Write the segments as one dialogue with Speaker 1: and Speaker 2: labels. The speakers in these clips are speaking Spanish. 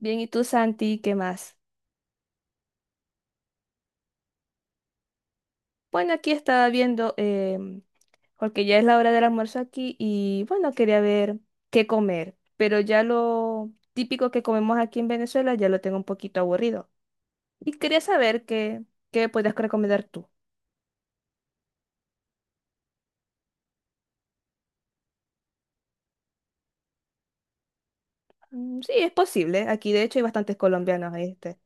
Speaker 1: Bien, ¿y tú, Santi, qué más? Bueno, aquí estaba viendo, porque ya es la hora del almuerzo aquí y bueno, quería ver qué comer, pero ya lo típico que comemos aquí en Venezuela ya lo tengo un poquito aburrido. Y quería saber qué, qué podrías recomendar tú. Mm, sí, es posible. Aquí de hecho hay bastantes colombianos, este.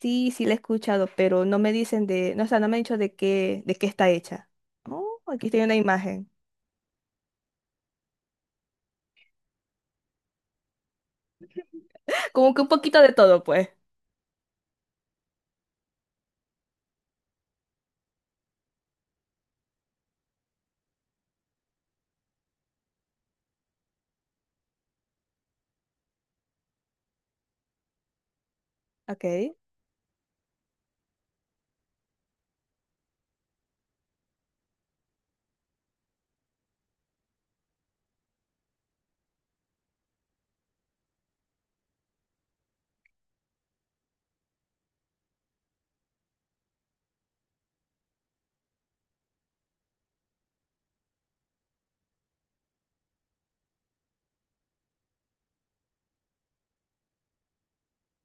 Speaker 1: Sí, sí, la he escuchado, pero no me dicen de, no, o sea, no me han dicho de qué está hecha. Oh, aquí estoy una imagen. Como que un poquito de todo, pues. Ok.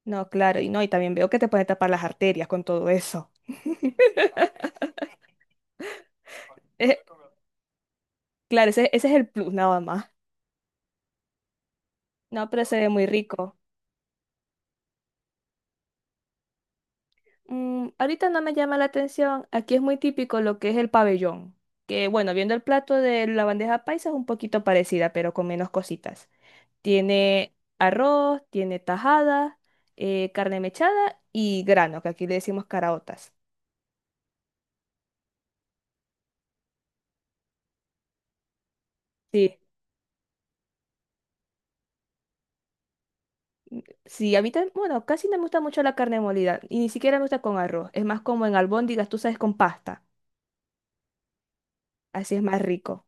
Speaker 1: No, claro, y no, y también veo que te pueden tapar las arterias con todo eso. Eh, claro, ese es el plus nada más. No, pero se ve muy rico. Mm, ahorita no me llama la atención. Aquí es muy típico lo que es el pabellón. Que bueno, viendo el plato de la bandeja paisa es un poquito parecida, pero con menos cositas. Tiene arroz, tiene tajada, carne mechada y grano, que aquí le decimos caraotas. Sí. Sí, a mí también, bueno, casi no me gusta mucho la carne molida y ni siquiera me gusta con arroz. Es más como en albóndigas, tú sabes, con pasta. Así es más rico.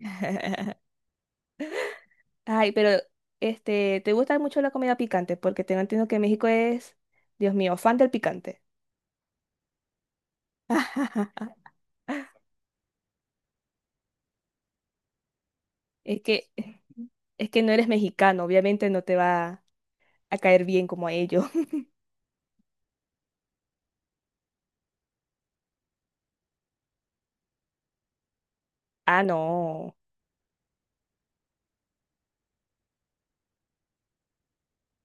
Speaker 1: Ay, pero este, ¿te gusta mucho la comida picante? Porque tengo entendido que México es, Dios mío, fan del picante. Es que, es que no eres mexicano, obviamente no te va a caer bien como a ellos. Ah, no.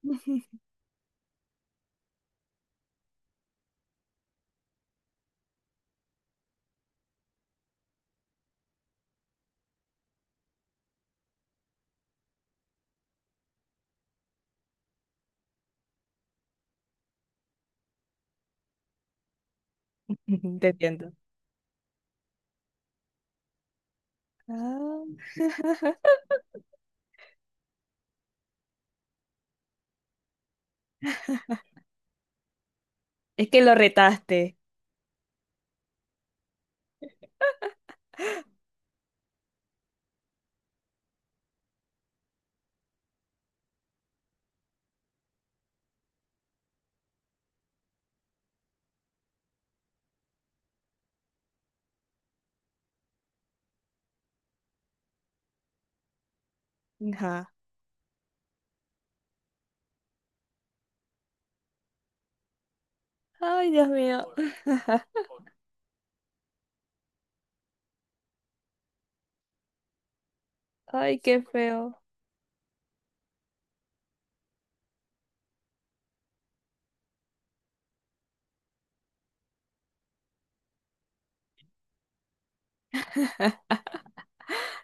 Speaker 1: Te entiendo. Ah, es que lo retaste. Ajá. Ay, Dios mío. Ay, qué feo.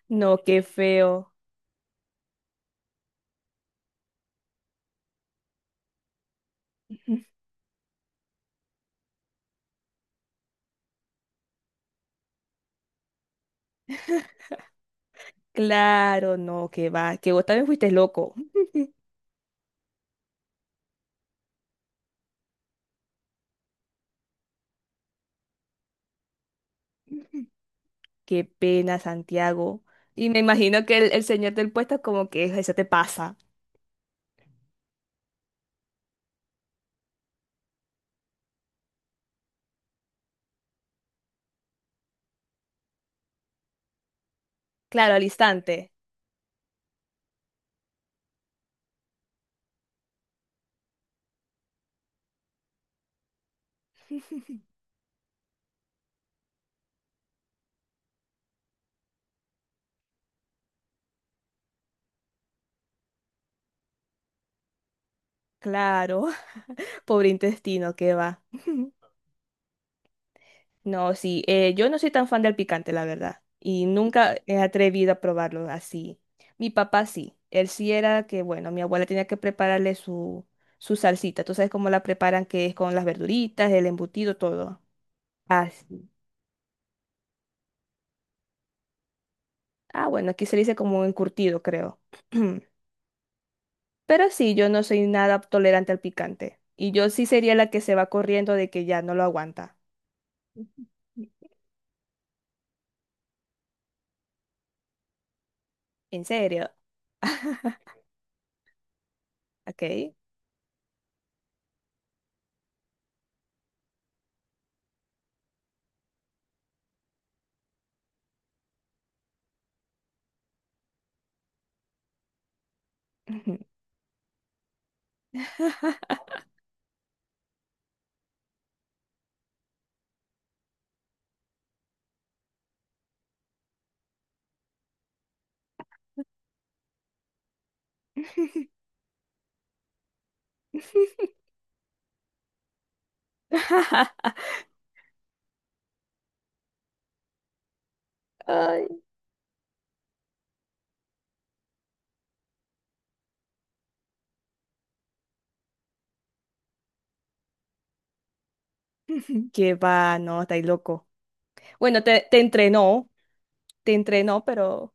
Speaker 1: No, qué feo. Claro, no, que va, que vos también fuiste loco. Qué pena, Santiago. Y me imagino que el señor del puesto como que eso te pasa. Claro, al instante. Claro, pobre intestino, qué va. No, sí, yo no soy tan fan del picante, la verdad, y nunca he atrevido a probarlo así. Mi papá sí, él sí era que, bueno, mi abuela tenía que prepararle su, su salsita, tú sabes cómo la preparan, que es con las verduritas, el embutido, todo. Así. Ah, bueno, aquí se le dice como encurtido, creo. Pero sí, yo no soy nada tolerante al picante, y yo sí sería la que se va corriendo de que ya no lo aguanta. Ujú. ¿En serio? Ok. Que va, no, estáis loco. Bueno, te, te entrenó, pero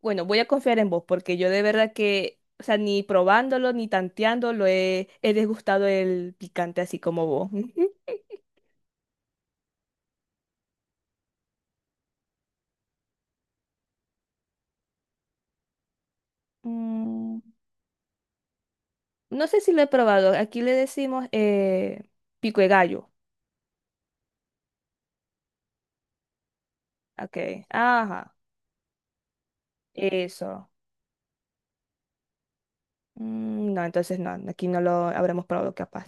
Speaker 1: bueno, voy a confiar en vos porque yo de verdad que, o sea, ni probándolo ni tanteándolo he, he degustado el picante así como vos. Mm, no sé si lo he probado. Aquí le decimos pico de gallo. Ok. Ajá. Eso. Mm, no, entonces no. Aquí no lo habremos probado capaz.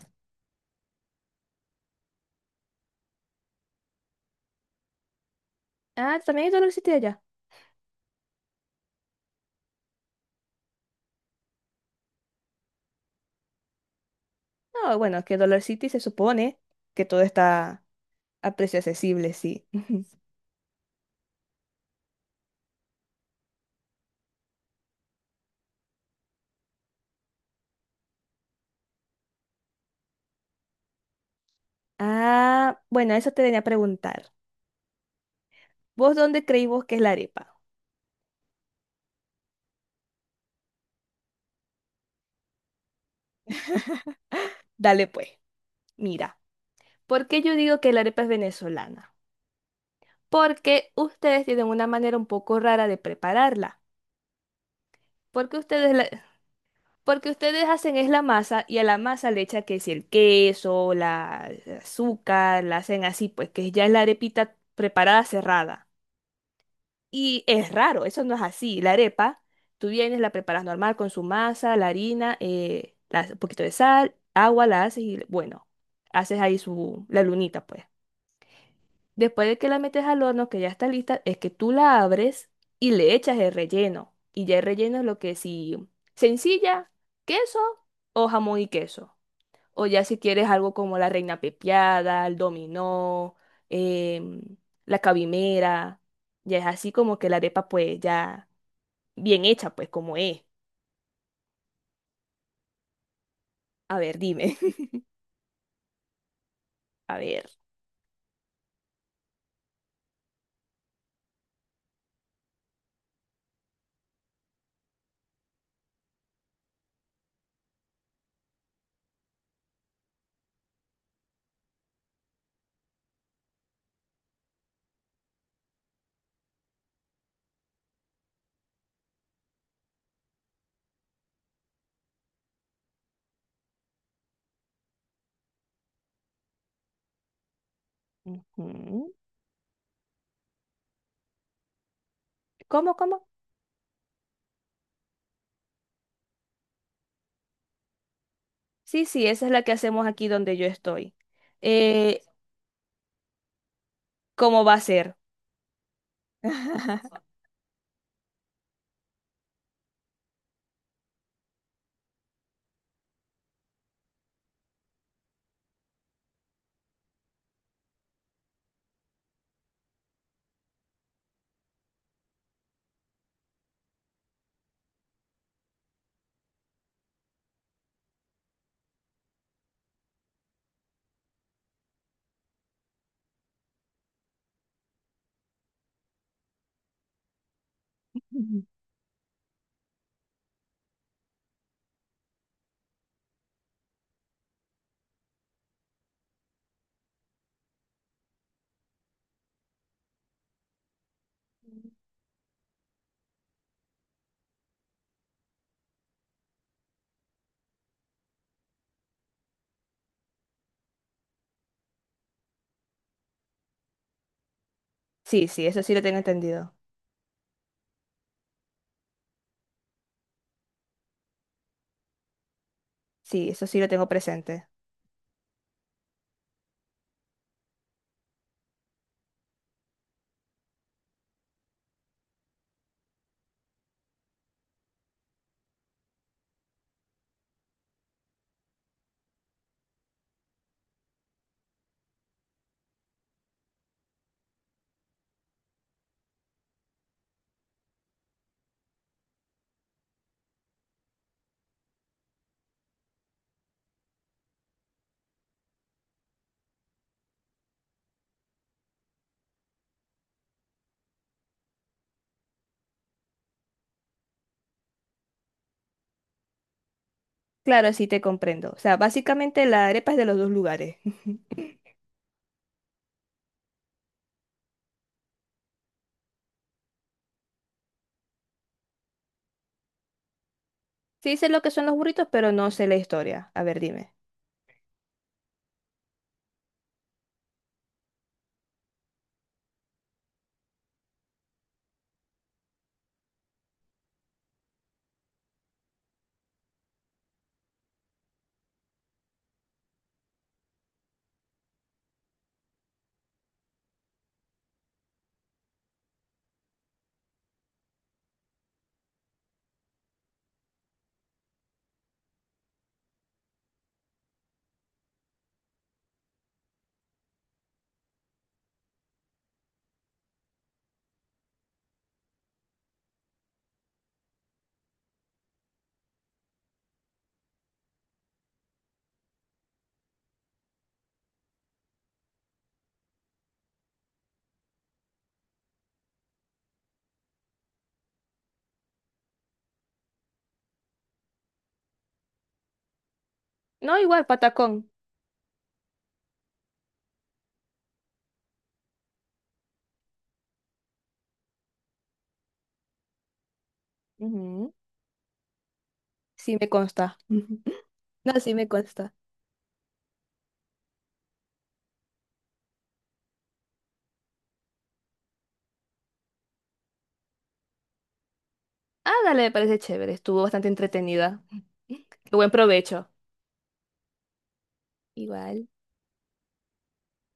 Speaker 1: Ah, también hay Dollar City allá. No, bueno, es que Dollar City se supone que todo está a precio accesible, sí. Ah, bueno, eso te venía a preguntar. ¿Vos dónde creí vos que es la arepa? Dale pues. Mira, ¿por qué yo digo que la arepa es venezolana? Porque ustedes tienen una manera un poco rara de prepararla. Porque ustedes la- porque ustedes hacen es la masa y a la masa le echan que es el queso, la el azúcar, la hacen así, pues que ya es la arepita preparada cerrada. Y es raro, eso no es así. La arepa, tú vienes, la preparas normal con su masa, la harina, la- un poquito de sal, agua, la haces y bueno, haces ahí su, la lunita, pues. Después de que la metes al horno, que ya está lista, es que tú la abres y le echas el relleno. Y ya el relleno es lo que si sencilla, queso o jamón y queso. O ya si quieres algo como la reina pepiada, el dominó, em, la cabimera. Ya es así como que la arepa pues ya bien hecha pues como es. A ver, dime. A ver. Ujú. ¿Cómo, cómo? Sí, sí, esa es la que hacemos aquí donde yo estoy. Eh, ¿Cómo va a ser? Ujú. Sí, sí, eso sí lo tengo entendido. Sí, eso sí lo tengo presente. Claro, sí te comprendo. O sea, básicamente la arepa es de los dos lugares. Sí sé lo que son los burritos, pero no sé la historia. A ver, dime. No, igual, patacón. Ujú. Sí me consta. No, sí me consta. Ah, dale, me parece chévere. Estuvo bastante entretenida. Qué Buen provecho. Igual.